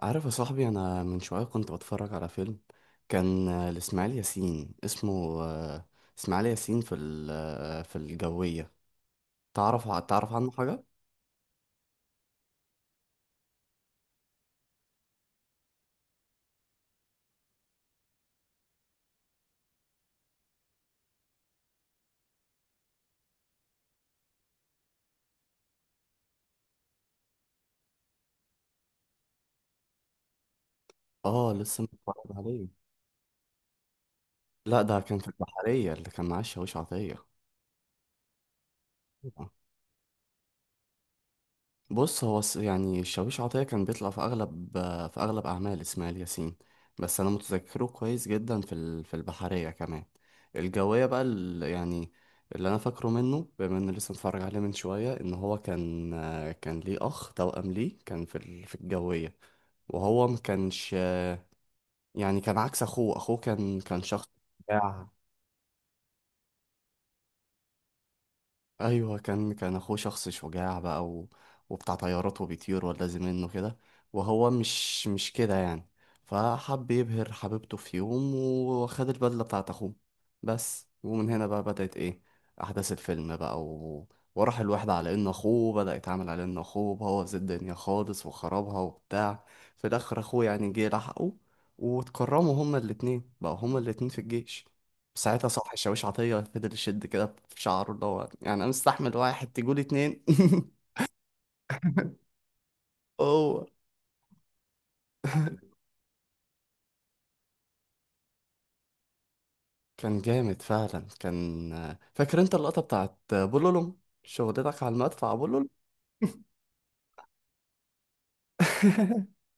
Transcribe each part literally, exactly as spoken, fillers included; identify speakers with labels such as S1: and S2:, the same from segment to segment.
S1: عارف يا صاحبي، انا من شويه كنت بتفرج على فيلم كان آه، لاسماعيل ياسين. اسمه آه، اسماعيل ياسين في ال- آه، في الجويه. تعرف ع- تعرف عنه حاجه؟ اه، لسه متفرج عليه. لا، ده كان في البحريه اللي كان معاه الشاويش عطيه. بص، هو الس- يعني الشاويش عطية كان بيطلع في أغلب آه، في أغلب أعمال إسماعيل ياسين، بس أنا متذكره كويس جدا في ال- في البحرية كمان. الجوية بقى ال- يعني اللي أنا فاكره منه، بما إني لسه متفرج عليه من شوية، إن هو كان آه، كان ليه أخ توأم ليه كان في ال- في الجوية، وهو ما كانش يعني، كان عكس أخوه. أخوه كان كان شخص ايوه، كان كان اخوه شخص شجاع بقى و... وبتاع طيارات وبيطير ولازم منه كده، وهو مش مش كده يعني. فحب يبهر حبيبته في يوم، وخد البدله بتاعت اخوه بس، ومن هنا بقى بدأت ايه، احداث الفيلم بقى. و... وراح الواحد على انه اخوه، بدأ يتعامل على انه اخوه. بوظ الدنيا خالص وخربها وبتاع. في الاخر اخوه يعني جه لحقه، واتكرموا هما الاتنين بقى، هما الاتنين في الجيش. ساعتها صبحي الشاويش عطية فضل يشد كده في شعره، اللي هو يعني أنا مستحمل واحد تجول اتنين. هو كان جامد فعلا. كان، فاكر أنت اللقطة بتاعت بولولوم، شغلتك على المدفع بولولوم؟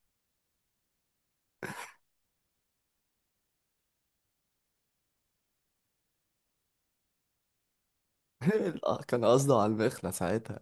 S1: لا، كان قصده على المخلة ساعتها.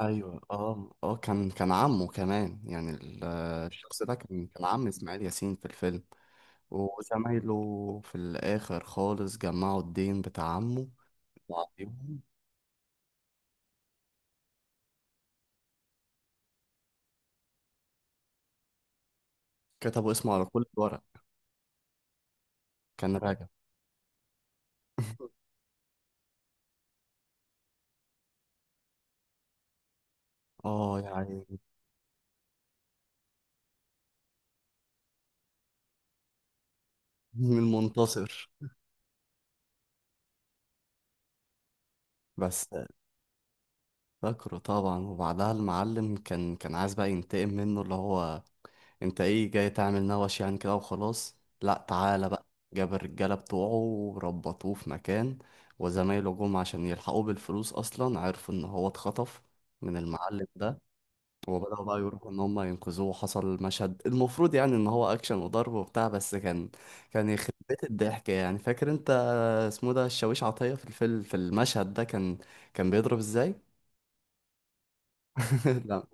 S1: أيوة، اه اه، كان كان عمه كمان يعني، ال- الشخص ده كان كان عم إسماعيل ياسين في الفيلم، وزمايله في الآخر خالص جمعوا الدين بتاع عمه وعليهم. كتبوا اسمه على كل ورق، كان راجع. اه يعني، مين المنتصر؟ بس فاكره طبعا. وبعدها المعلم كان كان عايز بقى ينتقم منه، اللي هو انت ايه جاي تعمل نوش يعني كده، وخلاص لا تعالى بقى. جاب الرجالة بتوعه وربطوه في مكان. وزمايله جم عشان يلحقوه بالفلوس، اصلا عرفوا ان هو اتخطف من المعلم ده. وبدأوا بقى يروحوا إن هم ينقذوه، وحصل مشهد المفروض يعني إن هو أكشن وضرب وبتاع، بس كان كان يخرب بيت الضحك يعني. فاكر أنت اسمه ده، الشاويش عطية في الفيلم في المشهد ده، كان كان بيضرب إزاي؟ لا.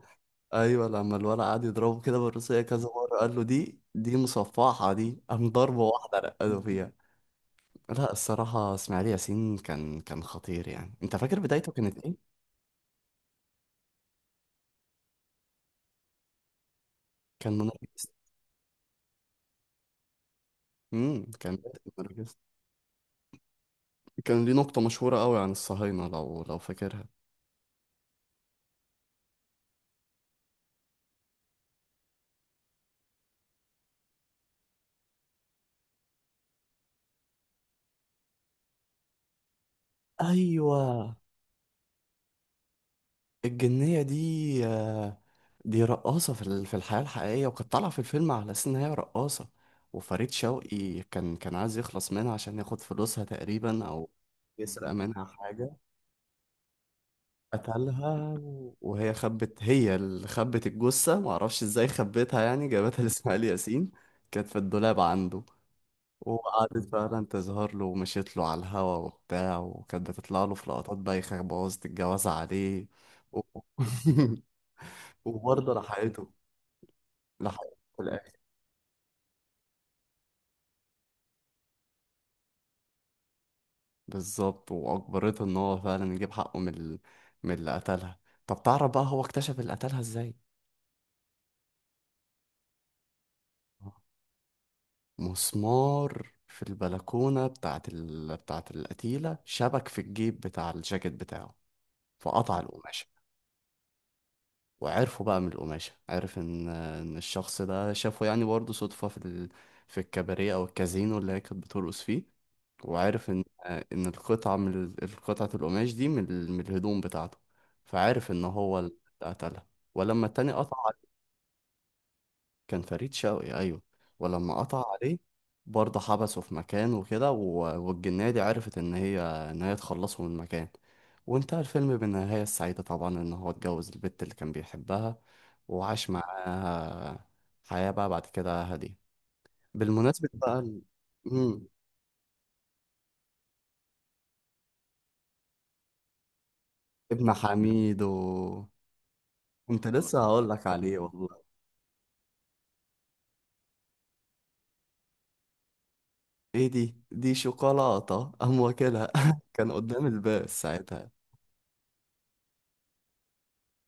S1: أيوه، لما الولد قعد يضربه كده بالروسية كذا مرة، قال له دي دي مصفحة دي، قام ضربة واحدة رقده فيها. لا، الصراحة إسماعيل ياسين كان كان خطير يعني. أنت فاكر بدايته كانت إيه؟ كان منرجس. امم كان، كان ليه نقطة مشهورة قوي عن الصهاينة، لو لو فاكرها ايوه، الجنيه دي، آه، دي رقاصه في ال- في الحياه الحقيقيه، وكانت طالعه في الفيلم على اساس ان هي رقاصه. وفريد شوقي كان كان عايز يخلص منها عشان ياخد فلوسها تقريبا، او يسرق منها حاجه. قتلها، و- وهي خبت، هي اللي خبت الجثه، معرفش ازاي خبتها يعني، جابتها لاسماعيل ياسين، كانت في الدولاب عنده. وقعدت فعلا تظهر له ومشيت له على الهوا وبتاع، وكانت بتطلع له في لقطات بايخة بوظت الجوازة عليه. و- وبرضه لحقته، لحقته في الآخر. بالظبط، وأجبرته إن هو فعلا يجيب حقه من ال... من اللي قتلها. طب تعرف بقى هو اكتشف اللي قتلها إزاي؟ مسمار في البلكونة بتاعت ال... بتاعت القتيلة شبك في الجيب بتاع الجاكيت بتاعه، فقطع القماشة. وعرفه بقى من القماشة، عرف إن إن الشخص ده شافه يعني برضه صدفة في ال... في الكباريه أو الكازينو اللي هي كانت بترقص فيه، وعارف ان ان القطعه من ال- قطعه القماش دي من ال- من الهدوم بتاعته، فعارف ان هو اللي قتلها. ولما التاني قطع عليه، كان فريد شوقي ايوه، ولما قطع عليه برضه حبسه في مكان وكده، و- والجنية دي عرفت ان هي ان هي تخلصه من المكان. وانتهى الفيلم بالنهاية السعيدة طبعا، ان هو اتجوز البت اللي كان بيحبها، وعاش معاها حياة بقى بعد كده هادية. بالمناسبة بقى ال- مم، ابن حميد و... كنت لسه هقول لك عليه والله. ايه دي، دي شوكولاتة قام واكلها. كان قدام الباب ساعتها.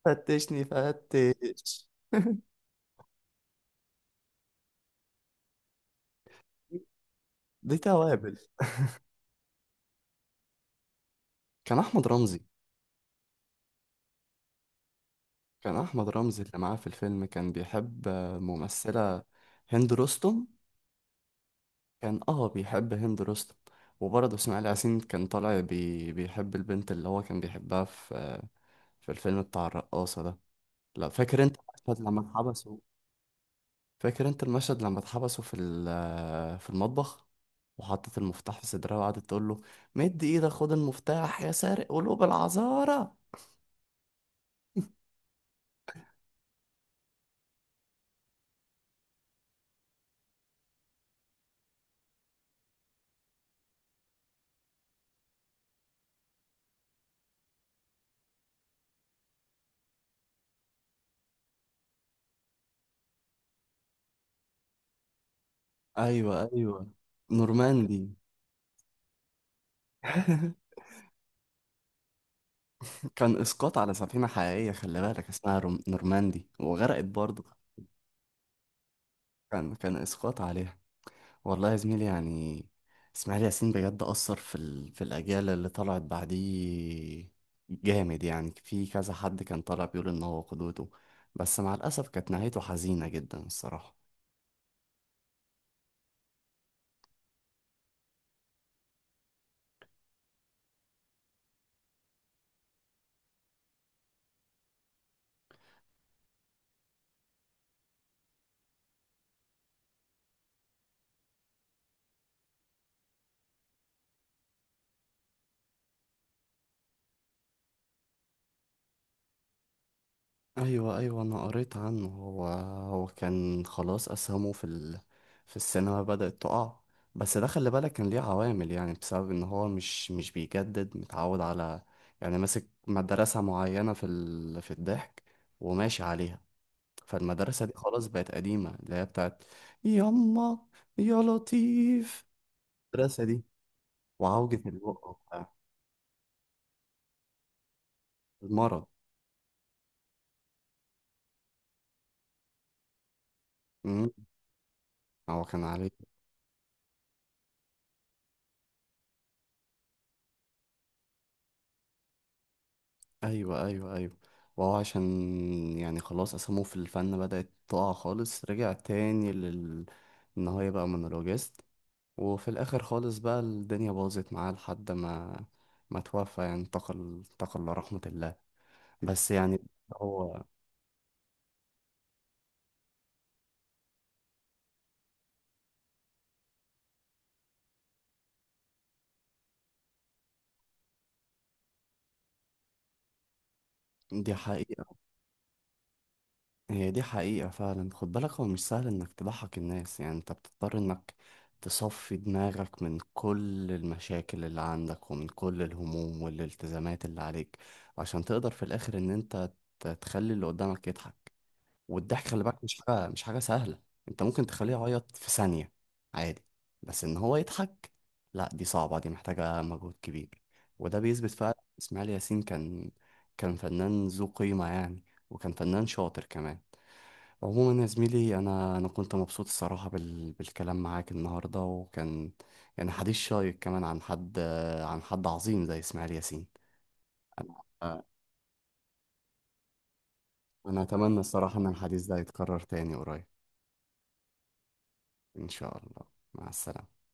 S1: فتشني فتش. دي توابل. كان احمد رمزي. كان احمد رمزي اللي معاه في الفيلم كان بيحب آه، ممثلة، هند رستم. كان اه بيحب هند رستم. وبرضه اسماعيل ياسين كان طالع بي... بيحب البنت اللي هو كان بيحبها في آه، في الفيلم بتاع الرقاصة ده. لا فاكر انت المشهد لما اتحبس، فاكر انت المشهد لما اتحبسوا في ال- آه، في المطبخ، وحطت المفتاح في صدرها وقعدت تقول له مد ايدك خد المفتاح يا سارق قلوب العذارى. ايوه ايوه. نورماندي. كان اسقاط على سفينة حقيقية، خلي بالك اسمها روم- نورماندي وغرقت برضه. كان، كان اسقاط عليها. والله يا زميلي يعني، اسماعيل ياسين بجد أثر في ال... في الأجيال اللي طلعت بعديه، جامد يعني. في كذا حد كان طالع بيقول إن هو قدوته. بس مع الأسف كانت نهايته حزينة جدا الصراحة. أيوة أيوة، أنا قريت عنه. هو هو كان خلاص أسهمه في ال... في السينما بدأت تقع. بس ده خلي بالك كان ليه عوامل، يعني بسبب إن هو مش مش بيجدد، متعود على يعني ماسك مدرسة معينة في ال... في الضحك وماشي عليها. فالمدرسة دي خلاص بقت قديمة، اللي هي بتاعت يما، يا لطيف. المدرسة دي وعوجة البق وبتاع. المرض. أمم، هو كان عليه. أيوة أيوة أيوة. وهو عشان يعني خلاص أسامه في الفن بدأت تقع خالص، رجع تاني لل إن هو يبقى مونولوجيست. وفي الآخر خالص بقى الدنيا باظت معاه لحد ما، ما توفى يعني، انتقل، انتقل لرحمة الله. بس يعني. هو، دي حقيقة، هي دي حقيقة فعلا. خد بالك، هو مش سهل انك تضحك الناس. يعني انت بتضطر انك تصفي دماغك من كل المشاكل اللي عندك ومن كل الهموم والالتزامات اللي عليك عشان تقدر في الاخر ان انت ت- تخلي اللي قدامك يضحك. والضحك خلي بالك مش حاجة، مش حاجة سهلة. انت ممكن تخليه يعيط في ثانية عادي، بس ان هو يضحك، لا دي صعبة، دي محتاجة مجهود كبير. وده بيثبت فعلا اسماعيل ياسين كان كان فنان ذو قيمة يعني، وكان فنان شاطر كمان. عموما يا زميلي، انا انا كنت مبسوط الصراحه بال... بالكلام معاك النهارده، وكان يعني حديث شيق كمان عن حد، عن حد عظيم زي اسماعيل ياسين. انا انا اتمنى الصراحه ان الحديث ده يتكرر تاني قريب. ان شاء الله. مع السلامه.